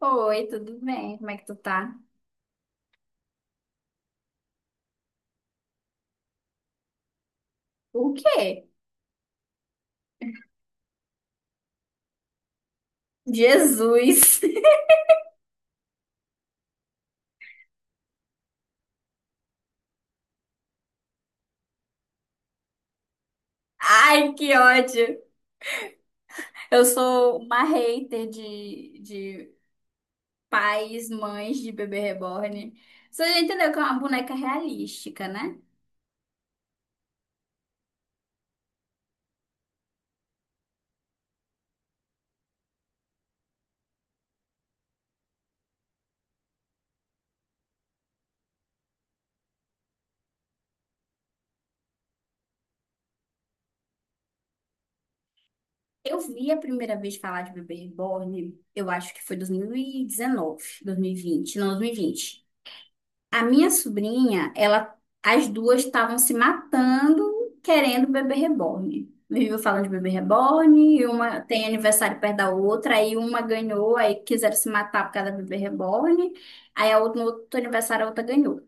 Oi, tudo bem? Como é que tu tá? O quê? Jesus! Ai, que ódio! Eu sou uma hater de pais, mães de bebê reborn. Você já entendeu que é uma boneca realística, né? Eu vi a primeira vez falar de bebê reborn, eu acho que foi dois mil e dezenove, dois mil e vinte, não, 2020. A minha sobrinha, ela, as duas estavam se matando querendo bebê reborn. Viviam falando de bebê reborn, e uma tem aniversário perto da outra, aí uma ganhou, aí quiseram se matar por causa da bebê reborn, aí a outra, no outro aniversário a outra ganhou.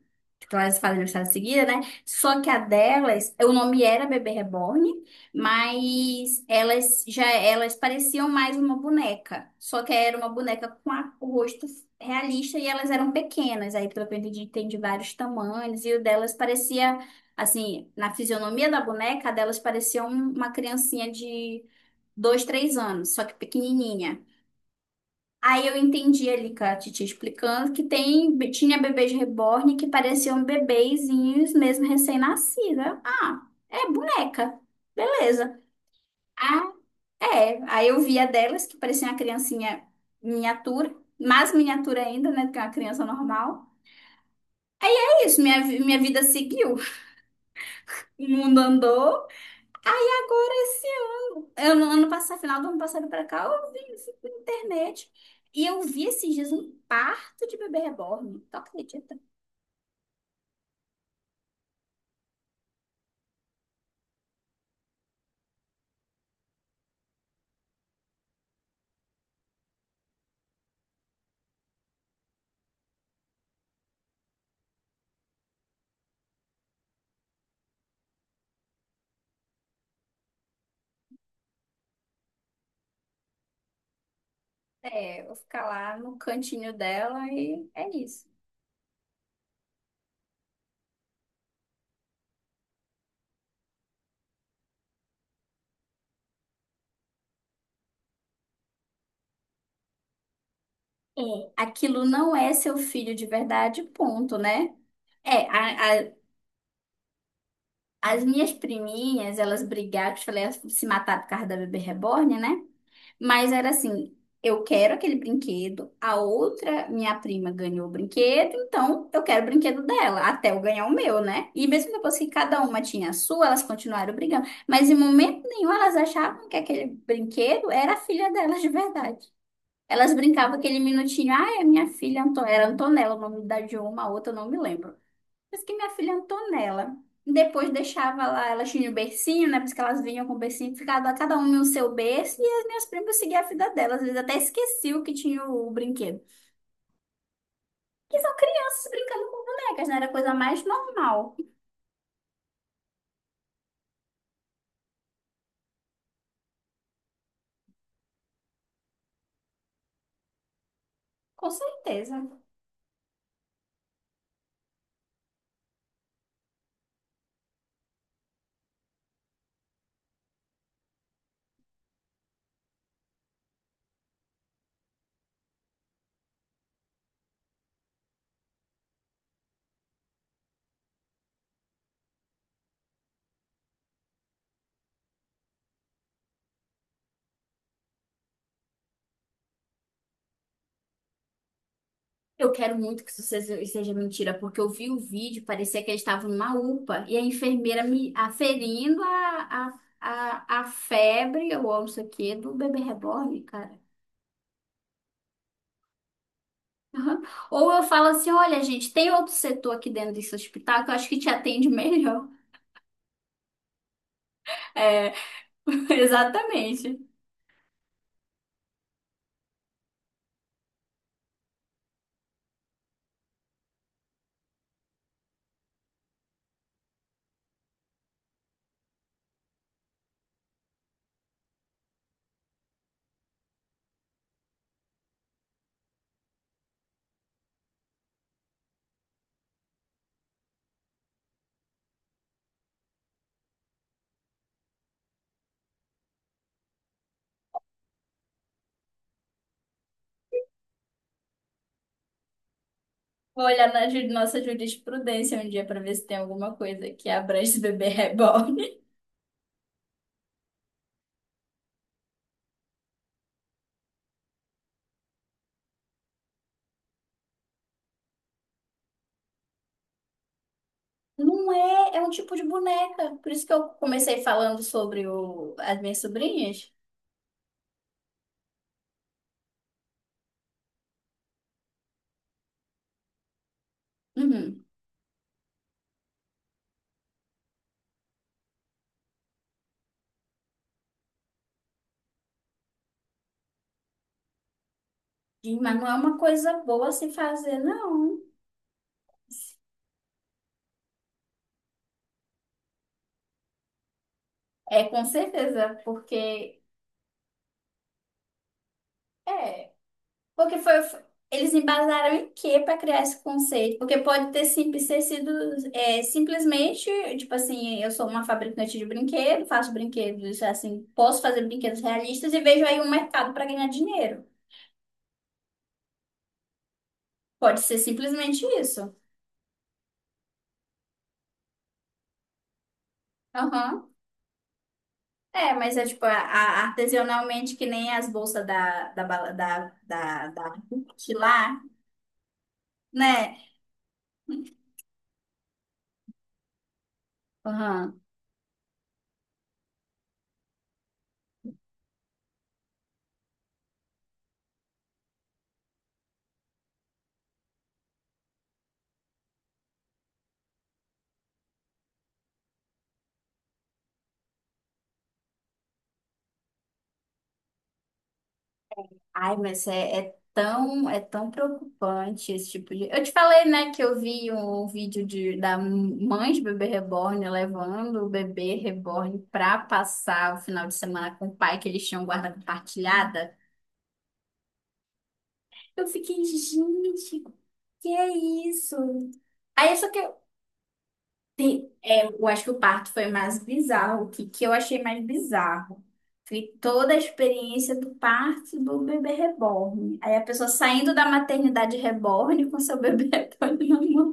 Então elas fazem aniversário em seguida, né? Só que a delas, o nome era bebê reborn, mas elas pareciam mais uma boneca, só que era uma boneca com o rosto realista e elas eram pequenas. Aí, pelo que eu entendi, tem de vários tamanhos. E o delas parecia, assim, na fisionomia da boneca, a delas parecia uma criancinha de 2, 3 anos, só que pequenininha. Aí eu entendi ali com a Titi explicando que tem, tinha bebês reborn que pareciam bebezinhos mesmo recém-nascida. Ah, é boneca. Beleza. Ah, é. Aí eu via delas que parecia uma criancinha miniatura, mais miniatura ainda, né, do que uma criança normal. Isso, minha vida seguiu, o mundo andou. Aí agora ano passado, final do ano passado pra cá, fui na internet e eu vi esses dias um parto de bebê reborn. Tu acredita? É, eu vou ficar lá no cantinho dela e é isso. É, aquilo não é seu filho de verdade, ponto, né? É, a, as minhas priminhas, elas brigaram, que eu te falei, elas se mataram por causa da bebê reborn, né? Mas era assim, eu quero aquele brinquedo, a outra minha prima ganhou o brinquedo, então eu quero o brinquedo dela, até eu ganhar o meu, né? E mesmo depois que cada uma tinha a sua, elas continuaram brigando. Mas em momento nenhum elas achavam que aquele brinquedo era a filha delas de verdade. Elas brincavam aquele minutinho, ah, é minha filha, era Antonella, o nome da de uma, a outra eu não me lembro. Diz que minha filha Antonella. Depois deixava lá, elas tinham o bercinho, né? Porque elas vinham com o bercinho, ficava cada uma no seu berço, e as minhas primas seguiam a vida delas. Às vezes até esqueciam que tinha o brinquedo. Que são crianças brincando com bonecas, né? Era a coisa mais normal. Com certeza. Eu quero muito que isso seja mentira, porque eu vi o vídeo, parecia que eles estavam numa UPA e a enfermeira me aferindo a febre ou não sei o quê do bebê reborn, cara. Aham. Ou eu falo assim, olha, gente, tem outro setor aqui dentro desse hospital que eu acho que te atende melhor. É, exatamente. Vou olhar na nossa jurisprudência um dia para ver se tem alguma coisa que abrange esse bebê reborn. Não é, é um tipo de boneca. Por isso que eu comecei falando sobre o, as minhas sobrinhas. Uhum. E- Mas não é uma coisa boa se fazer, não. É, com certeza, porque é. Porque foi, foi- eles embasaram em quê para criar esse conceito? Porque pode ter, sim, ter sido é, simplesmente, tipo assim, eu sou uma fabricante de brinquedos, faço brinquedos, assim, posso fazer brinquedos realistas e vejo aí um mercado para ganhar dinheiro. Pode ser simplesmente isso. Aham. É, mas é tipo, artesanalmente que nem as bolsas da, da, bala- da, da, da, de lá, né? Aham. Ai, mas é, é tão preocupante esse tipo de. Eu te falei, né, que eu vi um vídeo de, da mãe de bebê reborn levando o bebê reborn pra passar o final de semana com o pai, que eles tinham guarda compartilhada. Eu fiquei, gente, que é isso? Aí só que É, eu acho que o parto foi mais bizarro. O que, que eu achei mais bizarro? Foi toda a experiência do parto do bebê reborn. Aí a pessoa saindo da maternidade reborn com seu bebê reborn na mão.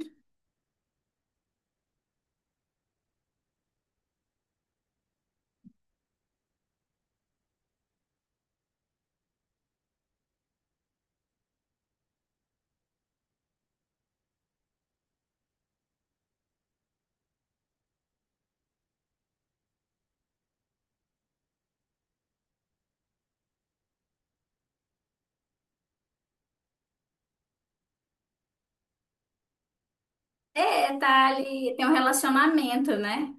É, tá ali, tem um relacionamento, né?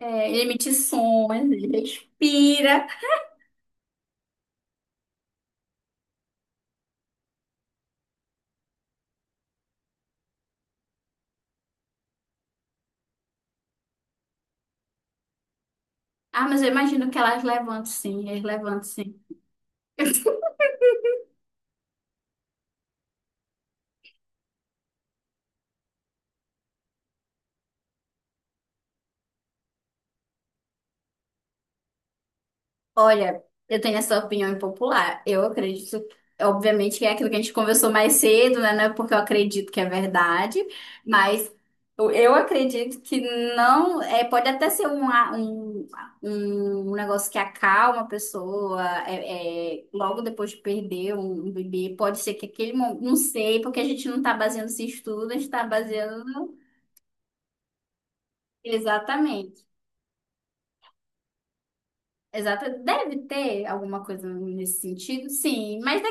É, ele emite sons, ele respira. Ah, mas eu imagino que elas levantam sim, eles levantam sim. Olha, eu tenho essa opinião impopular. Eu acredito, obviamente, que é aquilo que a gente conversou mais cedo, né? Não é porque eu acredito que é verdade, mas eu acredito que não. É, pode até ser um negócio que acalma a pessoa é, é, logo depois de perder um bebê. Pode ser que aquele momento. Não sei, porque a gente não está baseando esse estudo, a gente está baseando. Exatamente. Exato, deve ter alguma coisa nesse sentido, sim, mas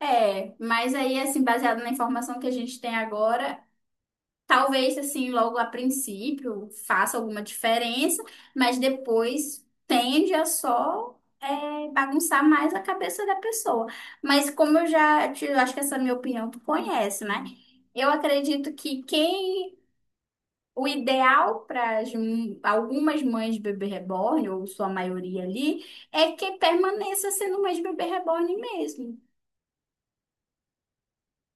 é, mas aí, assim, baseado na informação que a gente tem agora, talvez, assim, logo a princípio faça alguma diferença, mas depois tende a só é, bagunçar mais a cabeça da pessoa. Mas como eu já te, eu acho que essa é a minha opinião, tu conhece, né? Eu acredito que quem, o ideal para algumas mães de bebê reborn, ou sua maioria ali, é que permaneça sendo mãe de bebê reborn mesmo.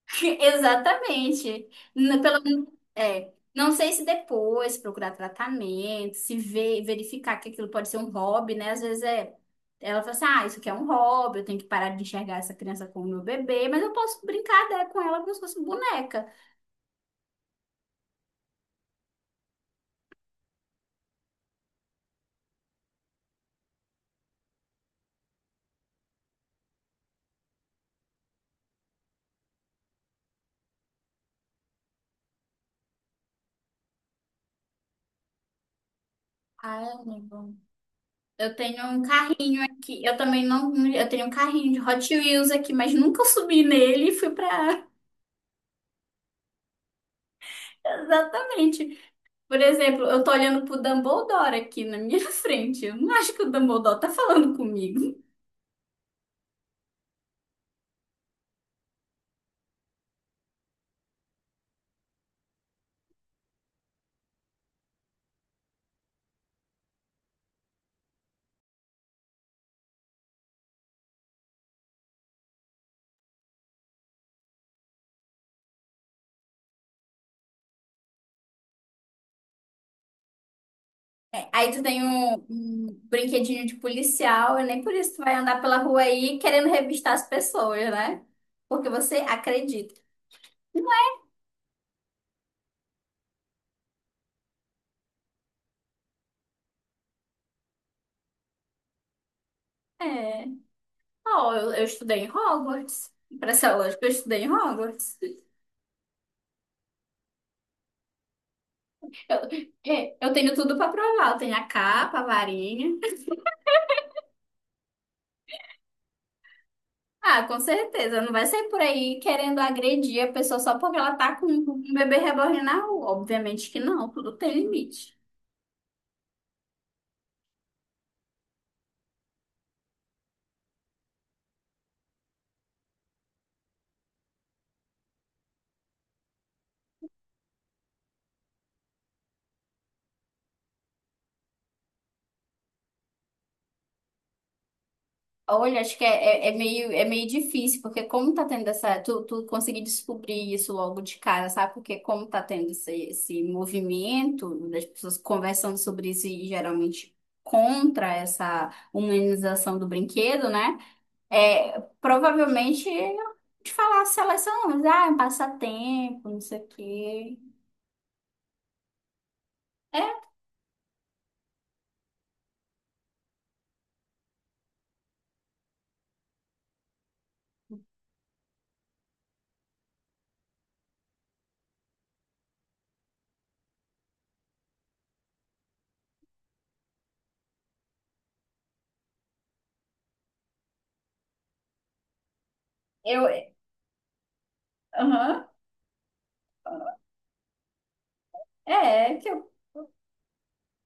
Exatamente. N- Pelo, é, não sei se depois procurar tratamento, se ver, verificar que aquilo pode ser um hobby, né? Às vezes é, ela fala assim, ah, isso aqui é um hobby, eu tenho que parar de enxergar essa criança como meu bebê, mas eu posso brincar dela, com ela como se fosse boneca. Ai, amigo. Eu tenho um carrinho aqui, eu também não, eu tenho um carrinho de Hot Wheels aqui, mas nunca subi nele e fui pra... Exatamente. Por exemplo, eu tô olhando pro Dumbledore aqui na minha frente. Eu não acho que o Dumbledore tá falando comigo. É, aí tu tem um brinquedinho de policial, e nem por isso tu vai andar pela rua aí querendo revistar as pessoas, né? Porque você acredita. É. Ó, eu estudei em Hogwarts. Pra ser lógico, eu estudei em Hogwarts. Eu, eu tenho tudo pra provar. Eu tenho a capa, a varinha. Ah, com certeza. Não vai sair por aí querendo agredir a pessoa só porque ela tá com um bebê reborn na rua. Obviamente que não, tudo tem limite. Olha, acho que é, é, é meio difícil, porque como tá tendo essa. Tu conseguir descobrir isso logo de cara, sabe? Porque como tá tendo esse movimento das pessoas conversando sobre isso e geralmente contra essa humanização do brinquedo, né? É, provavelmente de falar a seleção, ah, é um passatempo, não sei o quê. É, eu, é, aham, é, é que eu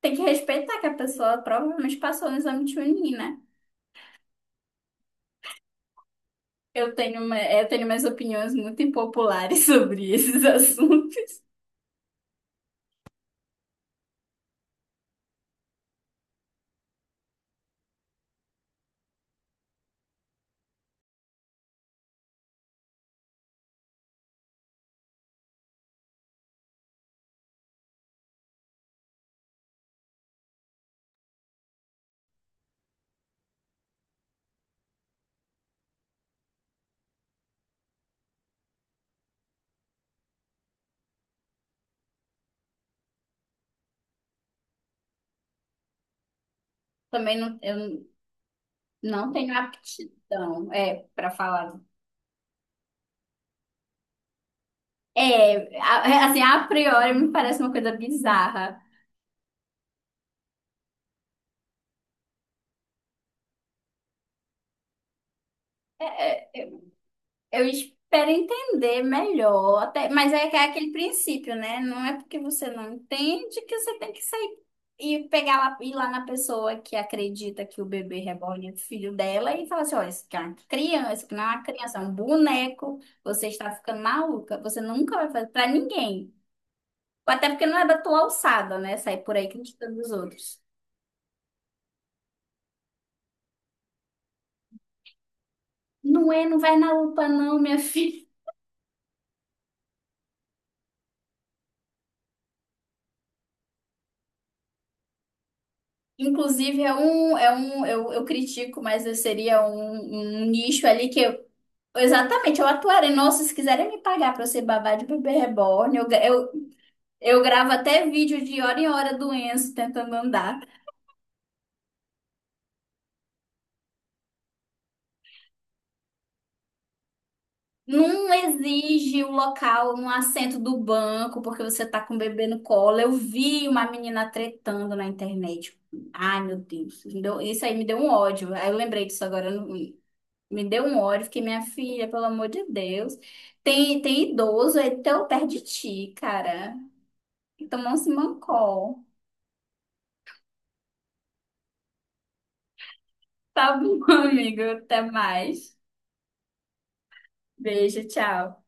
tenho que respeitar que a pessoa provavelmente passou no exame de Chunin, né? Eu tenho, uma, eu tenho minhas opiniões muito impopulares sobre esses assuntos. Também não, eu não tenho aptidão, é, para falar. É, é, assim, a priori me parece uma coisa bizarra. É, eu espero entender melhor, até, mas é que é aquele princípio, né? Não é porque você não entende que você tem que sair e pegar lá, ir lá na pessoa que acredita que o bebê reborn é filho dela e falar assim, olha, isso aqui é uma criança, isso aqui não é uma criança, é um boneco, você está ficando maluca, você nunca vai fazer pra ninguém. Até porque não é da tua alçada, né? Sair por aí criticando os outros. Não é, não vai na UPA não, minha filha. Inclusive, eu critico, mas eu seria um nicho ali que exatamente, eu atuaria. Nossa, se quiserem me pagar pra eu ser babá de bebê reborn, eu gravo até vídeo de hora em hora do Enzo tentando andar. Não exige o local no assento do banco, porque você tá com o bebê no colo. Eu vi uma menina tretando na internet. Ai, meu Deus, isso aí me deu um ódio. Aí eu lembrei disso agora. Me deu um ódio, fiquei, minha filha, pelo amor de Deus. Tem, tem idoso aí tão perto de ti, cara. Então não se mancou. Tá bom, amigo. Até mais. Beijo, tchau.